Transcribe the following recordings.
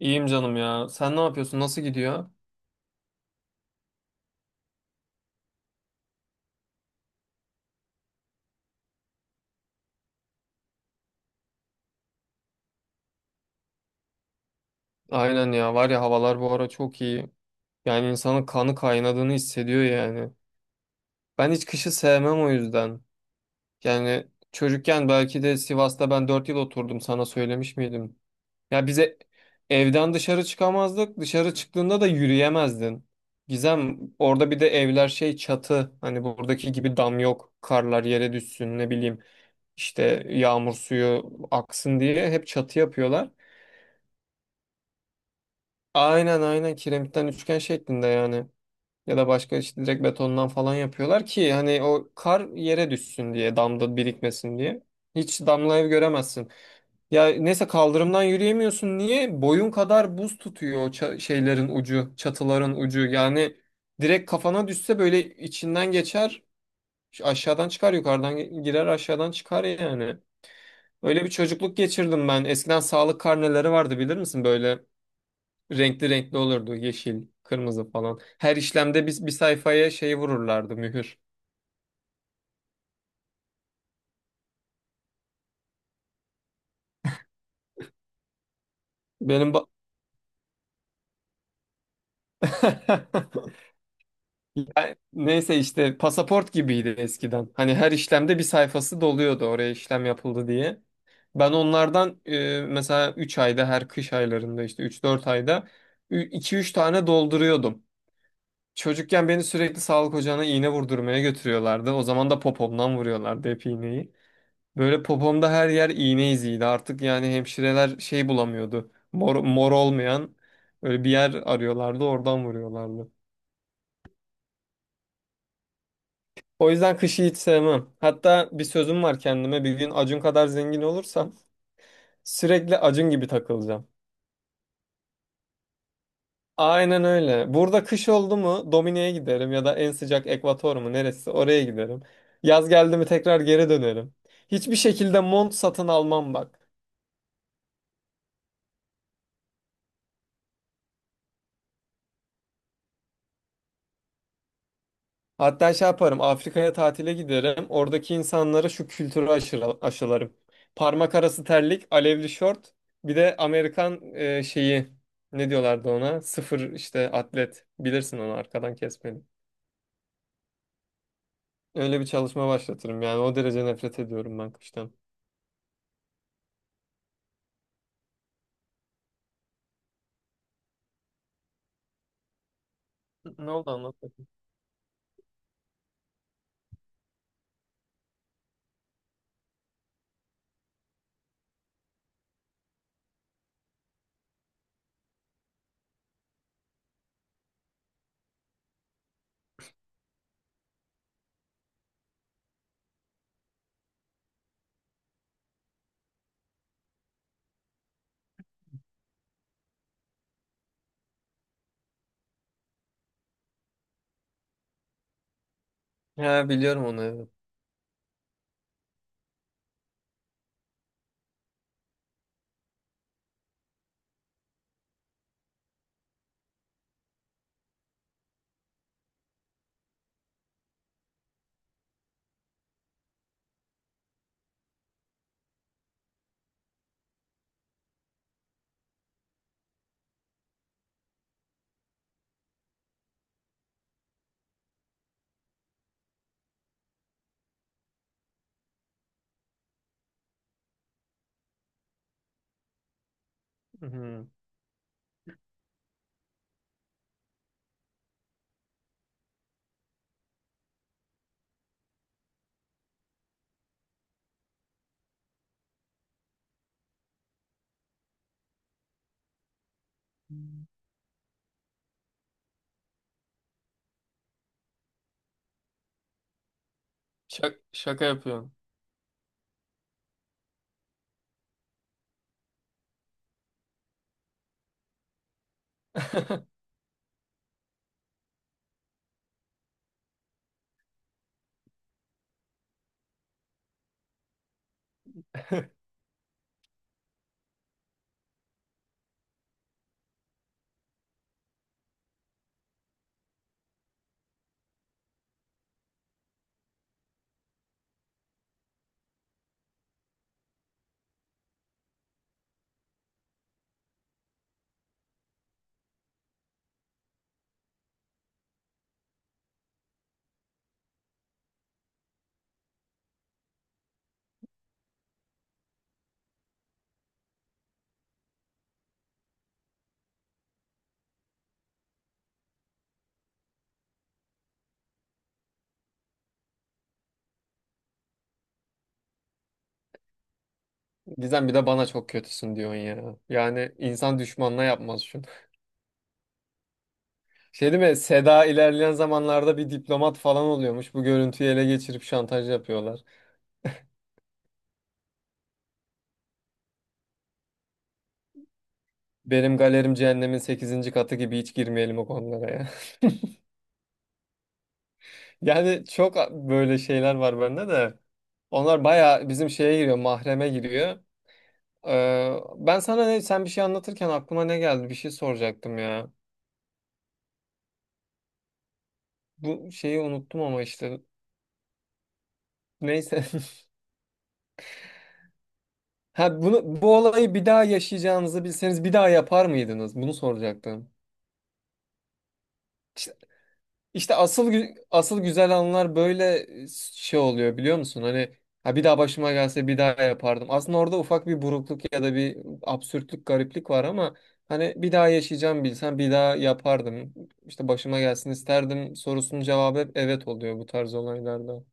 İyiyim canım ya. Sen ne yapıyorsun? Nasıl gidiyor? Aynen ya. Var ya havalar bu ara çok iyi. Yani insanın kanı kaynadığını hissediyor yani. Ben hiç kışı sevmem o yüzden. Yani çocukken belki de Sivas'ta ben 4 yıl oturdum. Sana söylemiş miydim? Ya bize evden dışarı çıkamazdık. Dışarı çıktığında da yürüyemezdin. Gizem orada bir de evler şey çatı. Hani buradaki gibi dam yok. Karlar yere düşsün ne bileyim. İşte yağmur suyu aksın diye hep çatı yapıyorlar. Aynen aynen kiremitten üçgen şeklinde yani. Ya da başka işte direkt betondan falan yapıyorlar ki hani o kar yere düşsün diye damda birikmesin diye. Hiç damlayı göremezsin. Ya neyse kaldırımdan yürüyemiyorsun. Niye? Boyun kadar buz tutuyor şeylerin ucu, çatıların ucu. Yani direkt kafana düşse böyle içinden geçer, aşağıdan çıkar, yukarıdan girer, aşağıdan çıkar yani. Öyle bir çocukluk geçirdim ben. Eskiden sağlık karneleri vardı bilir misin böyle? Renkli renkli olurdu. Yeşil, kırmızı falan. Her işlemde biz bir sayfaya şey vururlardı mühür. Benim ba- Ya, neyse işte pasaport gibiydi eskiden. Hani her işlemde bir sayfası doluyordu oraya işlem yapıldı diye. Ben onlardan mesela 3 ayda her kış aylarında işte üç dört ayda iki üç tane dolduruyordum. Çocukken beni sürekli sağlık ocağına iğne vurdurmaya götürüyorlardı. O zaman da popomdan vuruyorlardı hep iğneyi. Böyle popomda her yer iğne iziydi. Artık yani hemşireler şey bulamıyordu. Mor, mor olmayan böyle bir yer arıyorlardı, oradan vuruyorlardı. O yüzden kışı hiç sevmem. Hatta bir sözüm var kendime. Bir gün Acun kadar zengin olursam sürekli Acun gibi takılacağım. Aynen öyle. Burada kış oldu mu Domine'ye giderim ya da en sıcak Ekvator mu neresi oraya giderim. Yaz geldi mi tekrar geri dönerim. Hiçbir şekilde mont satın almam bak. Hatta şey yaparım Afrika'ya tatile giderim. Oradaki insanlara şu kültürü aşılarım. Parmak arası terlik, alevli şort, bir de Amerikan şeyi ne diyorlardı ona? Sıfır işte atlet. Bilirsin onu arkadan kesmeli. Öyle bir çalışma başlatırım yani o derece nefret ediyorum ben kıştan. Ne oldu anlat bakayım. Ha biliyorum onu evet. Hı. Şaka yapıyorum. Gizem bir de bana çok kötüsün diyorsun ya. Yani insan düşmanına yapmaz şunu. Şey değil mi? Seda ilerleyen zamanlarda bir diplomat falan oluyormuş. Bu görüntüyü ele geçirip şantaj yapıyorlar. Benim galerim cehennemin sekizinci katı gibi hiç girmeyelim o konulara ya. Yani çok böyle şeyler var bende de. Onlar bayağı bizim şeye giriyor, mahreme giriyor. Ben sana ne, sen bir şey anlatırken aklıma ne geldi? Bir şey soracaktım ya. Bu şeyi unuttum ama işte. Neyse. Ha bunu bu olayı bir daha yaşayacağınızı bilseniz bir daha yapar mıydınız? Bunu soracaktım. İşte asıl güzel anlar böyle şey oluyor biliyor musun? Hani ha bir daha başıma gelse bir daha yapardım. Aslında orada ufak bir burukluk ya da bir absürtlük, gariplik var ama hani bir daha yaşayacağım bilsem bir daha yapardım. İşte başıma gelsin isterdim sorusunun cevabı hep evet oluyor bu tarz olaylarda.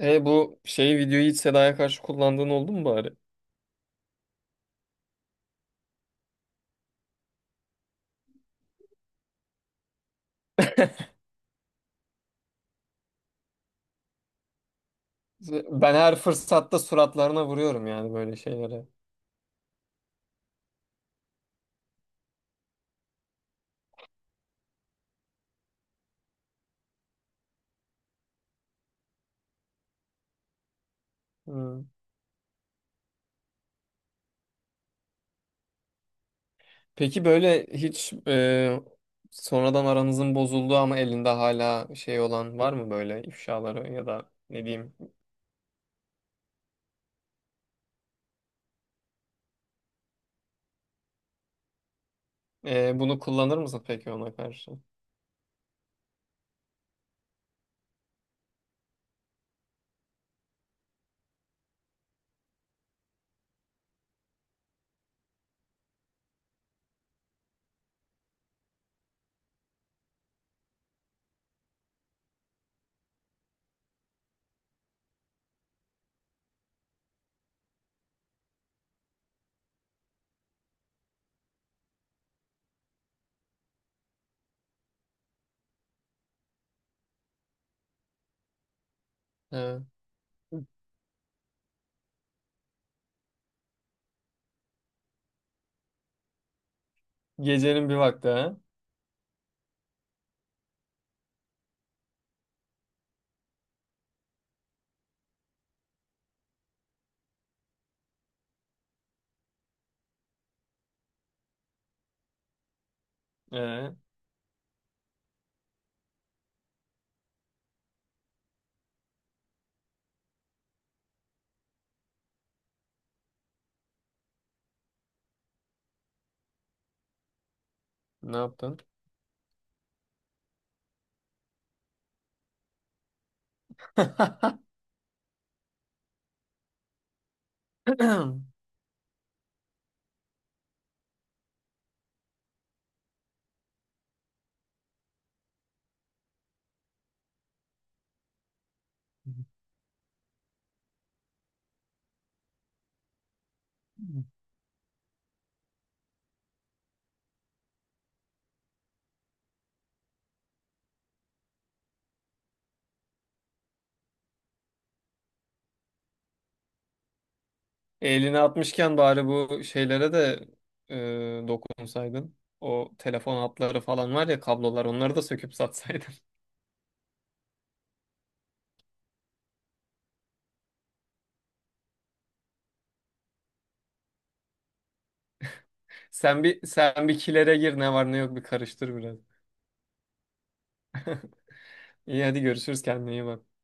E bu şeyi videoyu hiç Seda'ya karşı kullandığın oldu mu bari? Ben her fırsatta suratlarına vuruyorum yani böyle şeylere. Hmm. Peki böyle hiç sonradan aranızın bozulduğu ama elinde hala şey olan var mı böyle ifşaları ya da ne diyeyim? Bunu kullanır mısın peki ona karşı? Evet. Gecenin bir vakti ha? E, ne yaptın? Elini atmışken bari bu şeylere de dokunsaydın. O telefon hatları falan var ya kablolar onları da söküp satsaydın. Sen bir kilere gir ne var ne yok bir karıştır biraz. İyi hadi görüşürüz kendine iyi bak.